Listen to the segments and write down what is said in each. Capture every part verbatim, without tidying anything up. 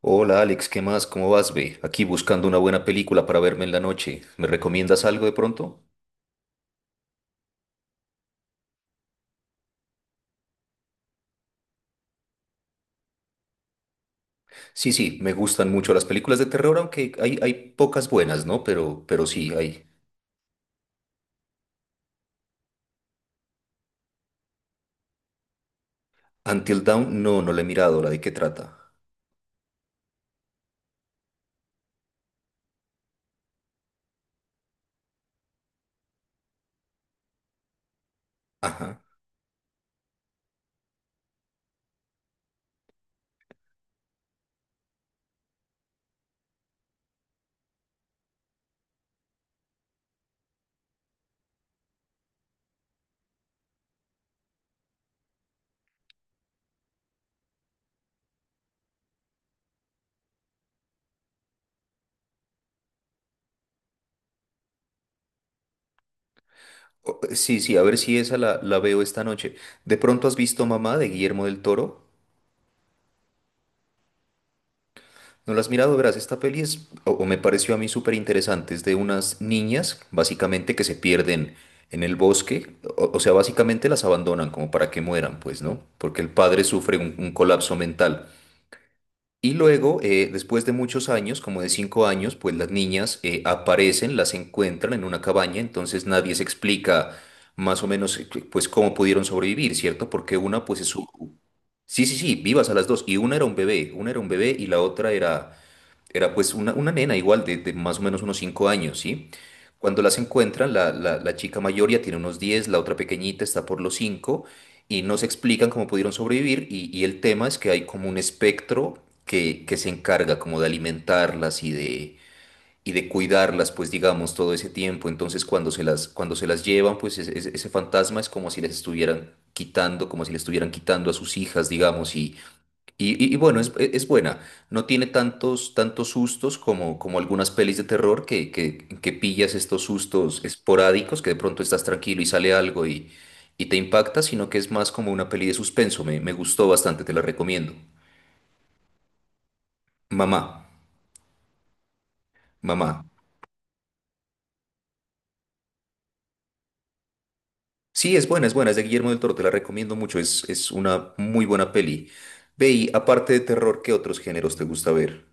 Hola Alex, ¿qué más? ¿Cómo vas, ve? Aquí buscando una buena película para verme en la noche. ¿Me recomiendas algo de pronto? Sí, sí, me gustan mucho las películas de terror, aunque hay, hay pocas buenas, ¿no? Pero, pero sí, hay. Until Dawn, no, no la he mirado, ¿la de qué trata? Ajá. O- eh, Sí, sí, a ver si esa la, la veo esta noche. ¿De pronto has visto Mamá de Guillermo del Toro? No la has mirado, verás, esta peli es, o, o me pareció a mí súper interesante, es de unas niñas, básicamente, que se pierden en el bosque, o, o sea, básicamente las abandonan como para que mueran, pues, ¿no? Porque el padre sufre un, un colapso mental. Y luego, eh, después de muchos años, como de cinco años, pues las niñas eh, aparecen, las encuentran en una cabaña, entonces nadie se explica más o menos, eh, pues, cómo pudieron sobrevivir, ¿cierto? Porque una, pues, es... su- Sí, sí, sí, vivas a las dos, y una era un bebé, una era un bebé y la otra era era pues una, una nena igual de, de más o menos unos cinco años, ¿sí? Cuando las encuentran, la, la- la chica mayor ya tiene unos diez, la otra pequeñita está por los cinco, y no se explican cómo pudieron sobrevivir, y, y el tema es que hay como un espectro que, que se encarga como de alimentarlas y de, y de cuidarlas, pues digamos, todo ese tiempo. Entonces cuando se las, cuando se las llevan, pues es- es- ese fantasma es como si les estuvieran quitando, como si les estuvieran quitando a sus hijas, digamos, y y, y- y bueno, es, es buena. No tiene tantos, tantos sustos como, como algunas pelis de terror que, que, que pillas estos sustos esporádicos, que de pronto estás tranquilo y sale algo y, y te impacta, sino que es más como una peli de suspenso. Me, me gustó bastante, te la recomiendo. Mamá, mamá. Sí, es buena, es buena, es de Guillermo del Toro, te la recomiendo mucho. Es, es una muy buena peli. Ve, y aparte de terror, ¿qué otros géneros te gusta ver?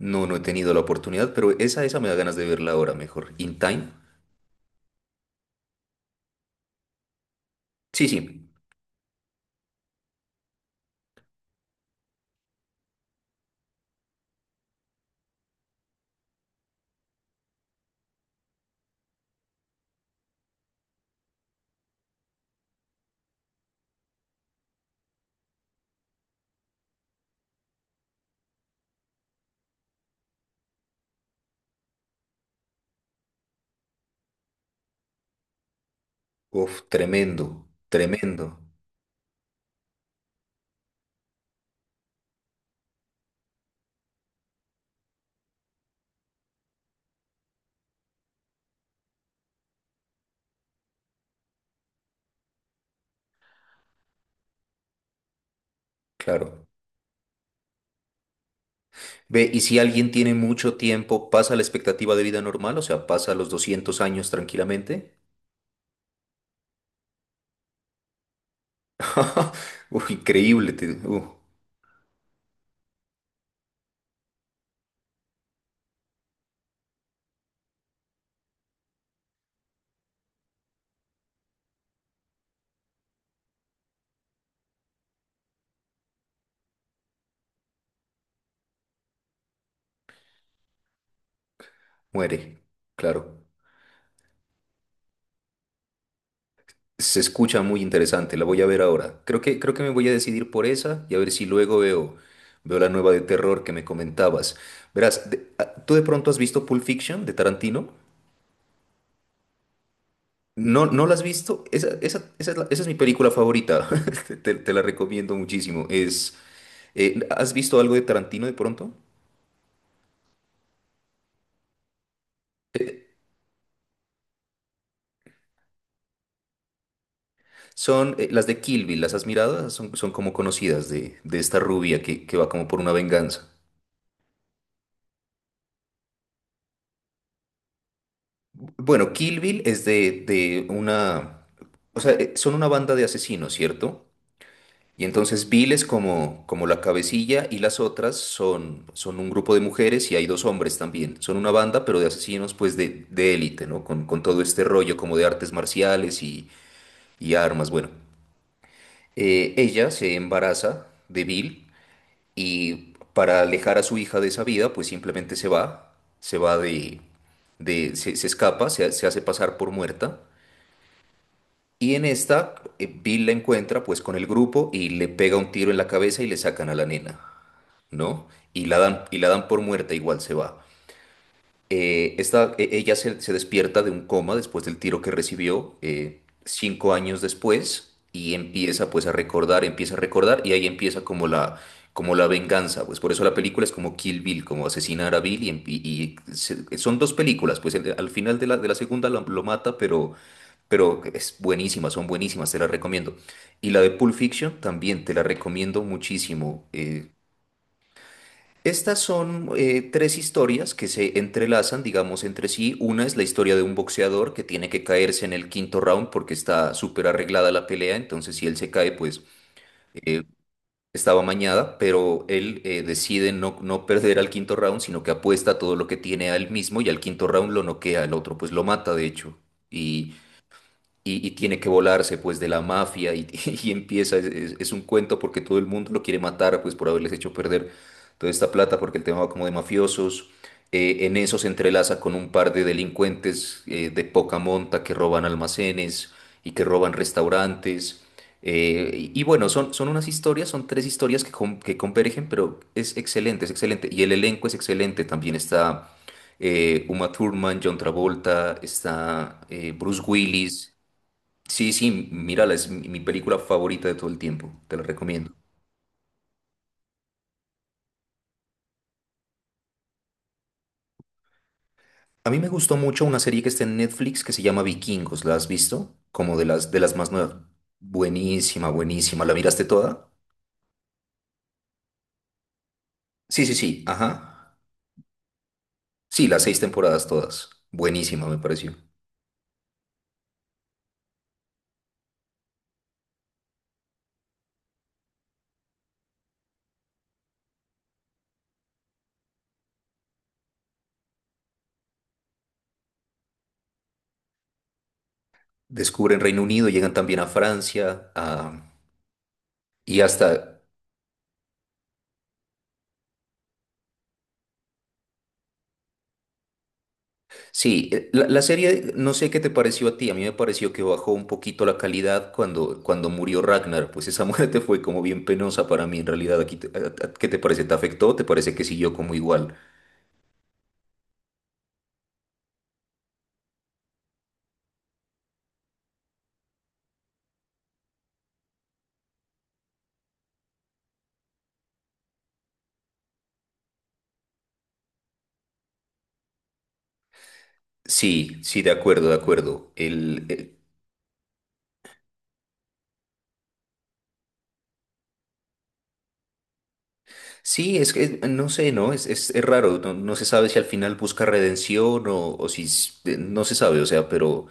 No, no he tenido la oportunidad, pero esa, esa me da ganas de verla ahora mejor. In Time. Sí, sí. Uf, tremendo, tremendo, claro. Ve, y si alguien tiene mucho tiempo, ¿pasa la expectativa de vida normal? O sea, ¿pasa los doscientos años tranquilamente? Uf, increíble, te- uh, muere, claro. Se escucha muy interesante, la voy a ver ahora. Creo que, creo que me voy a decidir por esa y a ver si luego veo, veo la nueva de terror que me comentabas. Verás, de- ah, ¿tú de pronto has visto Pulp Fiction de Tarantino? No, ¿no la has visto? Esa, esa, esa es la- esa es mi película favorita. Te, te te la recomiendo muchísimo. Es, eh, ¿has visto algo de Tarantino de pronto? Son eh, las de Kill Bill, ¿las has mirado? Esas Son, son como conocidas de, de esta rubia que, que va como por una venganza. Bueno, Kill Bill es de, de una... O sea, eh, son una banda de asesinos, ¿cierto? Y entonces Bill es como, como la cabecilla y las otras son, son un grupo de mujeres y hay dos hombres también. Son una banda, pero de asesinos pues de, de élite, ¿no? Con, con todo este rollo como de artes marciales y, y armas. Bueno, Eh, ella se embaraza de Bill y para alejar a su hija de esa vida pues simplemente se va, se va, de, de se, se escapa, se, se hace pasar por muerta. Y en esta, eh, Bill la encuentra pues con el grupo y le pega un tiro en la cabeza y le sacan a la nena. ¿No? Y la dan, y la dan por muerta, igual se va. Eh, esta- e- ella se, se despierta de un coma después del tiro que recibió, eh, cinco años después, y empieza pues a recordar, empieza a recordar, y ahí empieza como la, como la venganza, pues por eso la película es como Kill Bill, como asesinar a Bill, y, em- y- y se- son dos películas, pues el- al final de la, de la segunda lo, lo mata, pero, pero es buenísima, son buenísimas, te las recomiendo. Y la de Pulp Fiction también te la recomiendo muchísimo. eh, estas son eh, tres historias que se entrelazan, digamos, entre sí. Una es la historia de un boxeador que tiene que caerse en el quinto round porque está súper arreglada la pelea, entonces si él se cae, pues eh, estaba mañada, pero él eh, decide no, no perder al quinto round, sino que apuesta todo lo que tiene a él mismo y al quinto round lo noquea, el otro pues lo mata, de hecho. Y y, y tiene que volarse pues de la mafia y, y empieza, es, es- es un cuento porque todo el mundo lo quiere matar pues por haberles hecho perder toda esta plata porque el tema va como de mafiosos. Eh, en eso se entrelaza con un par de delincuentes eh, de poca monta que roban almacenes y que roban restaurantes. Eh, y, y bueno, son, son unas historias, son tres historias que, con- que convergen, pero es excelente, es excelente. Y el elenco es excelente, también está eh, Uma Thurman, John Travolta, está eh, Bruce Willis. Sí, sí, mírala, es mi mi película favorita de todo el tiempo, te la recomiendo. A mí me gustó mucho una serie que está en Netflix que se llama Vikingos, ¿la has visto? Como de las, de las, más nuevas. Buenísima, buenísima, ¿la miraste toda? Sí, sí, sí, ajá. Sí, las seis temporadas todas. Buenísima, me pareció. Descubren Reino Unido, llegan también a Francia, a- y hasta... Sí, eh, la, la serie, no sé qué te pareció a ti, a mí me pareció que bajó un poquito la calidad cuando, cuando murió Ragnar, pues esa muerte fue como bien penosa para mí en realidad. Aquí te- a- a- ¿Qué te parece? ¿Te afectó? ¿Te parece que siguió como igual? Sí, sí, de acuerdo, de acuerdo. El, el- sí, es que eh, no sé, ¿no? Es, es, es raro, no, no se sabe si al final busca redención o, o si, s- eh, no se sabe, o sea, pero,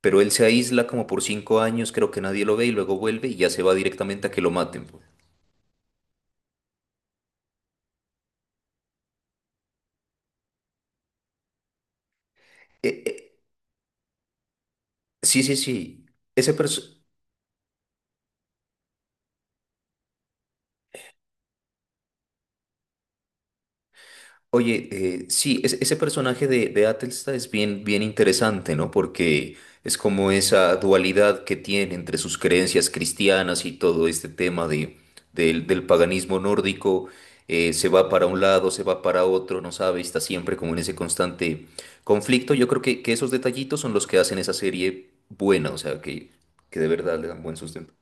pero él se aísla como por cinco años, creo que nadie lo ve y luego vuelve y ya se va directamente a que lo maten. pues. Eh, eh, Sí, sí, sí. Ese perso- Oye, eh, sí, es- ese personaje de, de Atelsta es bien, bien interesante, ¿no? Porque es como esa dualidad que tiene entre sus creencias cristianas y todo este tema de, del, del paganismo nórdico. eh, se va para un lado, se va para otro, no sabe, está siempre como en ese constante conflicto. Yo creo que, que esos detallitos son los que hacen esa serie buena, o sea, que, que de verdad le dan buen sustento.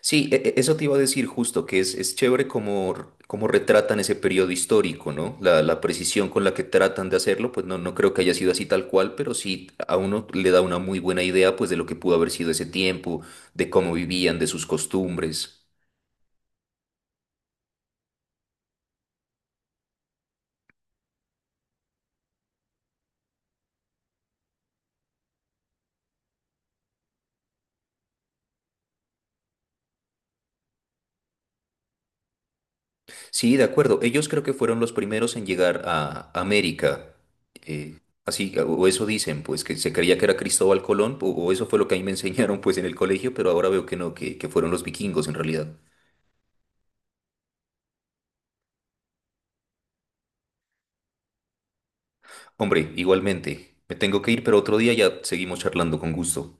Sí, e- e- eso te iba a decir justo, que es, es chévere cómo, r- cómo retratan ese periodo histórico, ¿no? La, la precisión con la que tratan de hacerlo, pues no, no creo que haya sido así tal cual, pero sí a uno le da una muy buena idea, pues, de lo que pudo haber sido ese tiempo, de cómo vivían, de sus costumbres. Sí, de acuerdo. Ellos creo que fueron los primeros en llegar a América. eh, así, o eso dicen, pues, que se creía que era Cristóbal Colón, o, o eso fue lo que a mí me enseñaron, pues, en el colegio, pero ahora veo que no, que, que fueron los vikingos en realidad. Hombre, igualmente. Me tengo que ir, pero otro día ya seguimos charlando con gusto.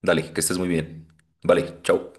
Dale, que estés muy bien. Vale, chao.